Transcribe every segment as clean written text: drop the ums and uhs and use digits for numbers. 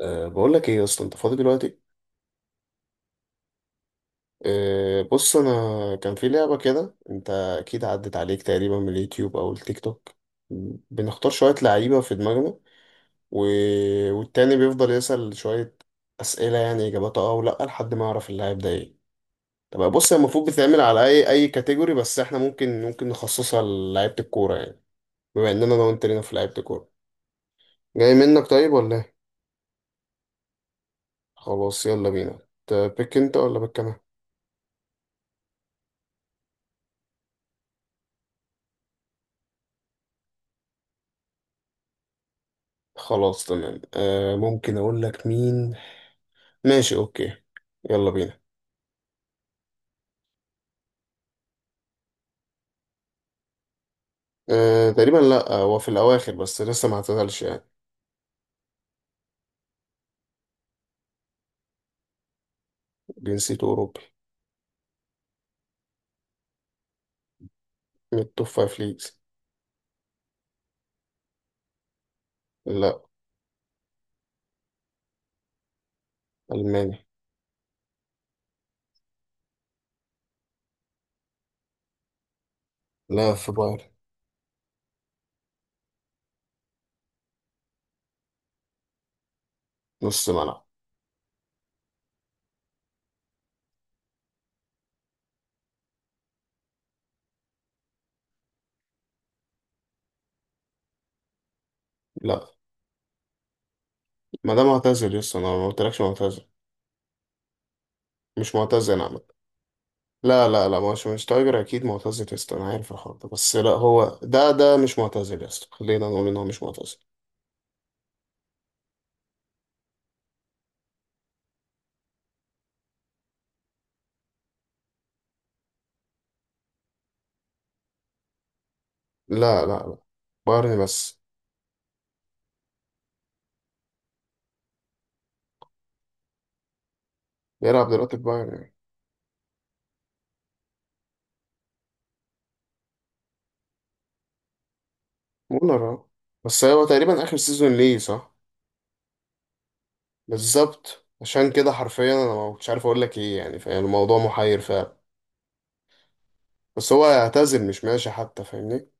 بقول لك ايه يا اسطى، انت فاضي دلوقتي؟ بص انا، كان في لعبه كده انت اكيد عدت عليك تقريبا من اليوتيوب او التيك توك. بنختار شويه لعيبه في دماغنا و... والتاني بيفضل يسأل شويه اسئله، يعني اجاباتها اه ولا، لحد ما يعرف اللاعب ده ايه. طب بص، هي المفروض بتتعمل على اي اي كاتيجوري، بس احنا ممكن نخصصها للعيبه الكوره يعني، بما اننا انا وانت لينا في لعيبه الكوره. جاي منك طيب ولا ايه؟ خلاص يلا بينا. تبيك انت ولا بك انا؟ خلاص، تمام. ممكن اقول لك مين. ماشي اوكي، يلا بينا. تقريبا لا، هو في الاواخر بس لسه ما اعتزلش يعني. جنسيته اوروبي. من التوب فايف ليجز. لا. الماني. لا في بايرن. نص ملعب. لا، ما ده معتزل لسه، انا ما قلتلكش معتزل. مش معتزل انا عمد. لا لا لا، مش تايجر اكيد معتزل لسه، انا عارف الحوار ده، بس لا هو ده مش معتزل لسه، خلينا نقول ان هو مش معتزل. لا لا لا، بايرن بس. بيلعب دلوقتي في بايرن. مونر اه. بس هو تقريبا اخر سيزون ليه، صح؟ بالظبط، عشان كده حرفيا انا ما كنتش عارف اقول لك ايه، يعني فاهم، الموضوع محير فعلا. بس هو هيعتزل، مش ماشي حتى، فاهمني؟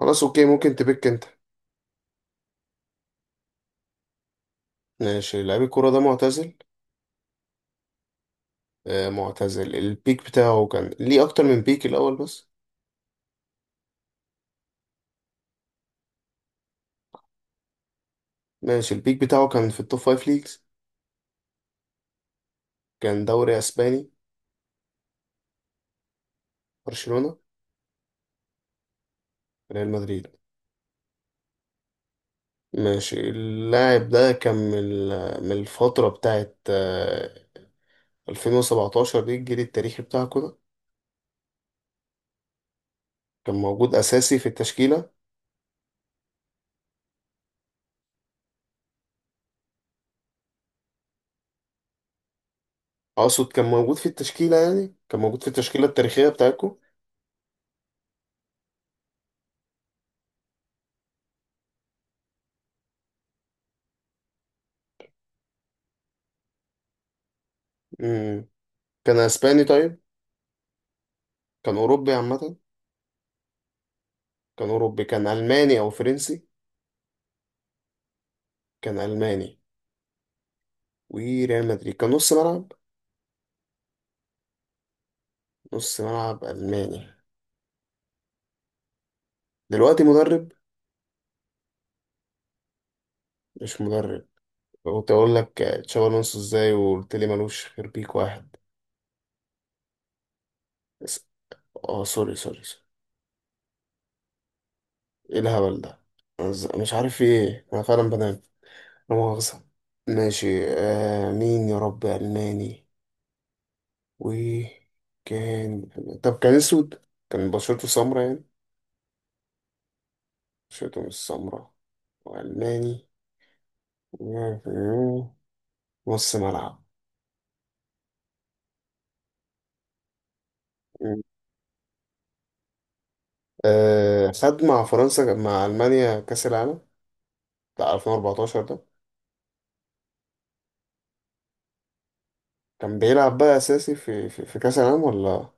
خلاص اوكي، ممكن تبيك انت. ماشي، لعيب الكوره ده معتزل. معتزل. البيك بتاعه كان ليه اكتر من بيك الاول بس؟ ماشي، البيك بتاعه كان في التوب فايف ليجز. كان دوري اسباني. برشلونة. ريال مدريد. ماشي، اللاعب ده كان من من الفترة بتاعت 2017، دي الجيل التاريخي بتاعكم ده. كان موجود أساسي في التشكيلة. أقصد كان موجود في التشكيلة، يعني كان موجود في التشكيلة التاريخية بتاعتكم. مم. كان أسباني طيب؟ كان أوروبي عامة؟ كان أوروبي، كان ألماني أو فرنسي؟ كان ألماني. وريال مدريد كان نص ملعب. نص ملعب ألماني. دلوقتي مدرب؟ مش مدرب. كنت أقول لك تشابي ألونسو إزاي وقلت لي ملوش غير بيك واحد بس. سوري. إيه الهبل ده؟ مش عارف في إيه، أنا فعلا بنام. لا مؤاخذة. ماشي، مين يا رب ألماني وكان. طب كان أسود؟ كان بشرته سمرا يعني؟ بشرته مش سمرا وألماني، نص ملعب. خد مع فرنسا، مع ألمانيا، كأس العالم بتاع 2014 ده. كان بيلعب بقى أساسي في كأس العالم ولا؟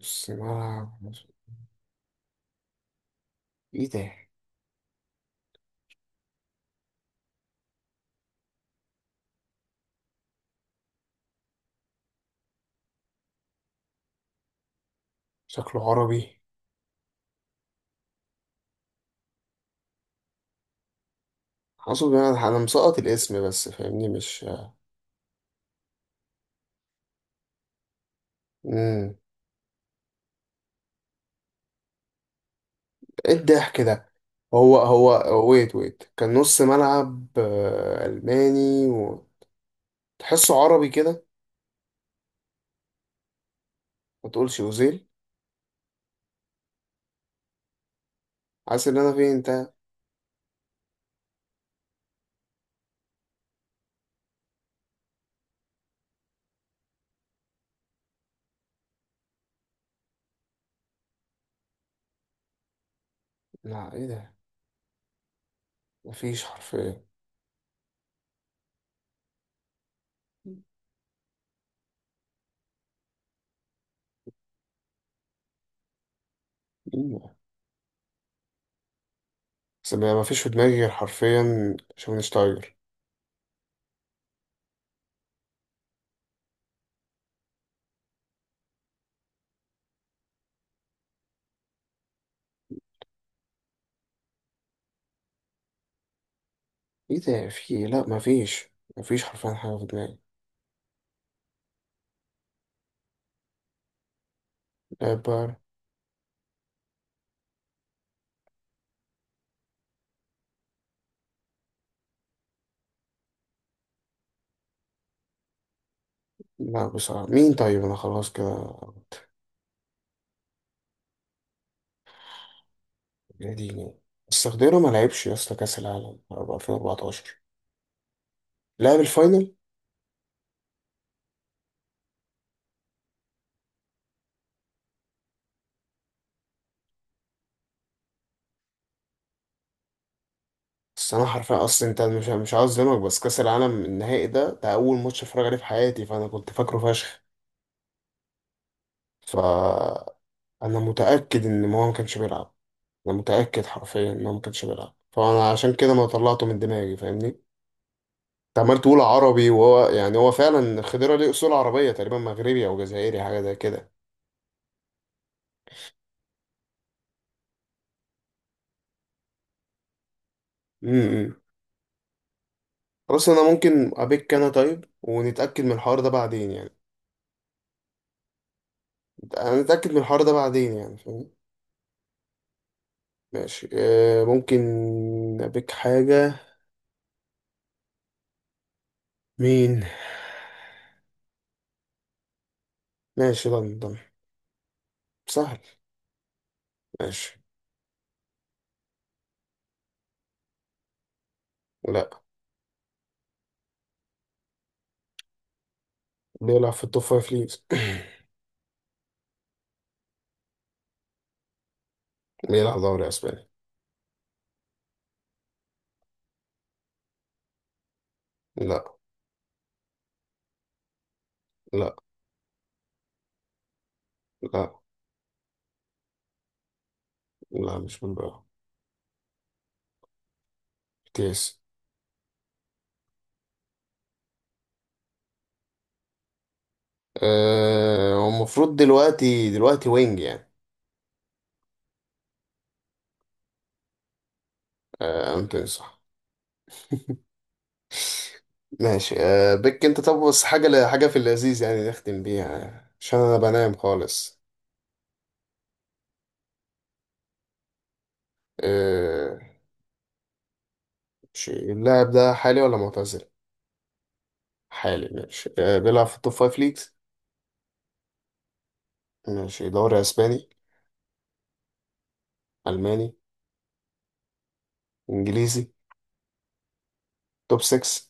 نص ملعب. إيه ده؟ شكله عربي؟ حاسه بقى أنا مسقط الاسم، بس فاهمني، مش مم. ايه الضحك ده؟ هو ويت كان نص ملعب، الماني، وتحسه عربي كده. ما تقولش اوزيل. حاسس ان انا فين انت. لا ايه ده، مفيش حرفيا. مين ده؟ بس ما مفيش في دماغي غير حرفيا شوفنشتايجر. ايه ده، في إيه؟ لا مفيش، مفيش حرفيا حاجه في دماغي. لا بار. لا بصراحه، مين طيب، انا خلاص كده. يا ديني. بس خضيره ما لعبش يا اسطى كاس العالم 2014. لعب الفاينل؟ بس انا حرفيا اصلا، انت مش، مش عاوز اظلمك، بس كاس العالم النهائي ده، ده اول ماتش اتفرج عليه في حياتي، فانا كنت فاكره فشخ. فانا متاكد ان هو ما كانش بيلعب. انا متاكد حرفيا ان هو ما كانش بيلعب، فانا عشان كده ما طلعته من دماغي، فاهمني؟ انت عمال تقول عربي، وهو يعني هو فعلا خضيره ليه اصول عربيه، تقريبا مغربي او جزائري حاجه زي كده. امم امم. خلاص، انا ممكن ابيك انا طيب ونتاكد من الحوار ده بعدين يعني. هنتاكد من الحوار ده بعدين، يعني فاهم. ماشي، ممكن أبيك حاجة. مين؟ ماشي، لندن. سهل. ماشي. لا. بيلعب في التوب فايف ليجز. بيلعب دوري أسباني. لا. لا. لا. لا مش بالبيلعب. كيس. هو المفروض دلوقتي دلوقتي وينج يعني. أنتوني صح. ماشي، بيك أنت، طب بس حاجة حاجة في اللذيذ يعني، نختم بيها عشان أنا بنام خالص. آه، ماشي، اللاعب ده حالي ولا معتزل؟ حالي. ماشي، بيلعب في التوب فايف ليجز. ماشي، دوري اسباني؟ الماني؟ انجليزي. توب 6.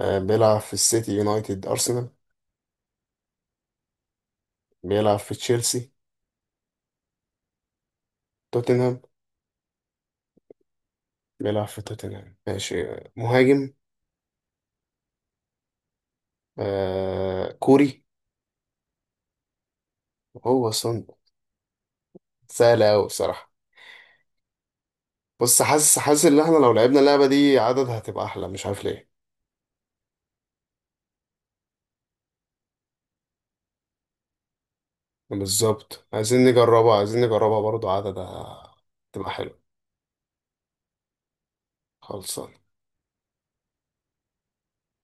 بيلعب في السيتي، يونايتد، ارسنال؟ بيلعب في تشيلسي؟ توتنهام. بيلعب في توتنهام. ماشي، مهاجم. آه كوري. هو سون. سهل قوي بصراحة. بص، حاسس، حاسس ان احنا لو لعبنا اللعبة دي عدد هتبقى احلى، مش عارف ليه. بالظبط، عايزين نجربها، عايزين نجربها برضو عدد. تبقى حلو. خلاص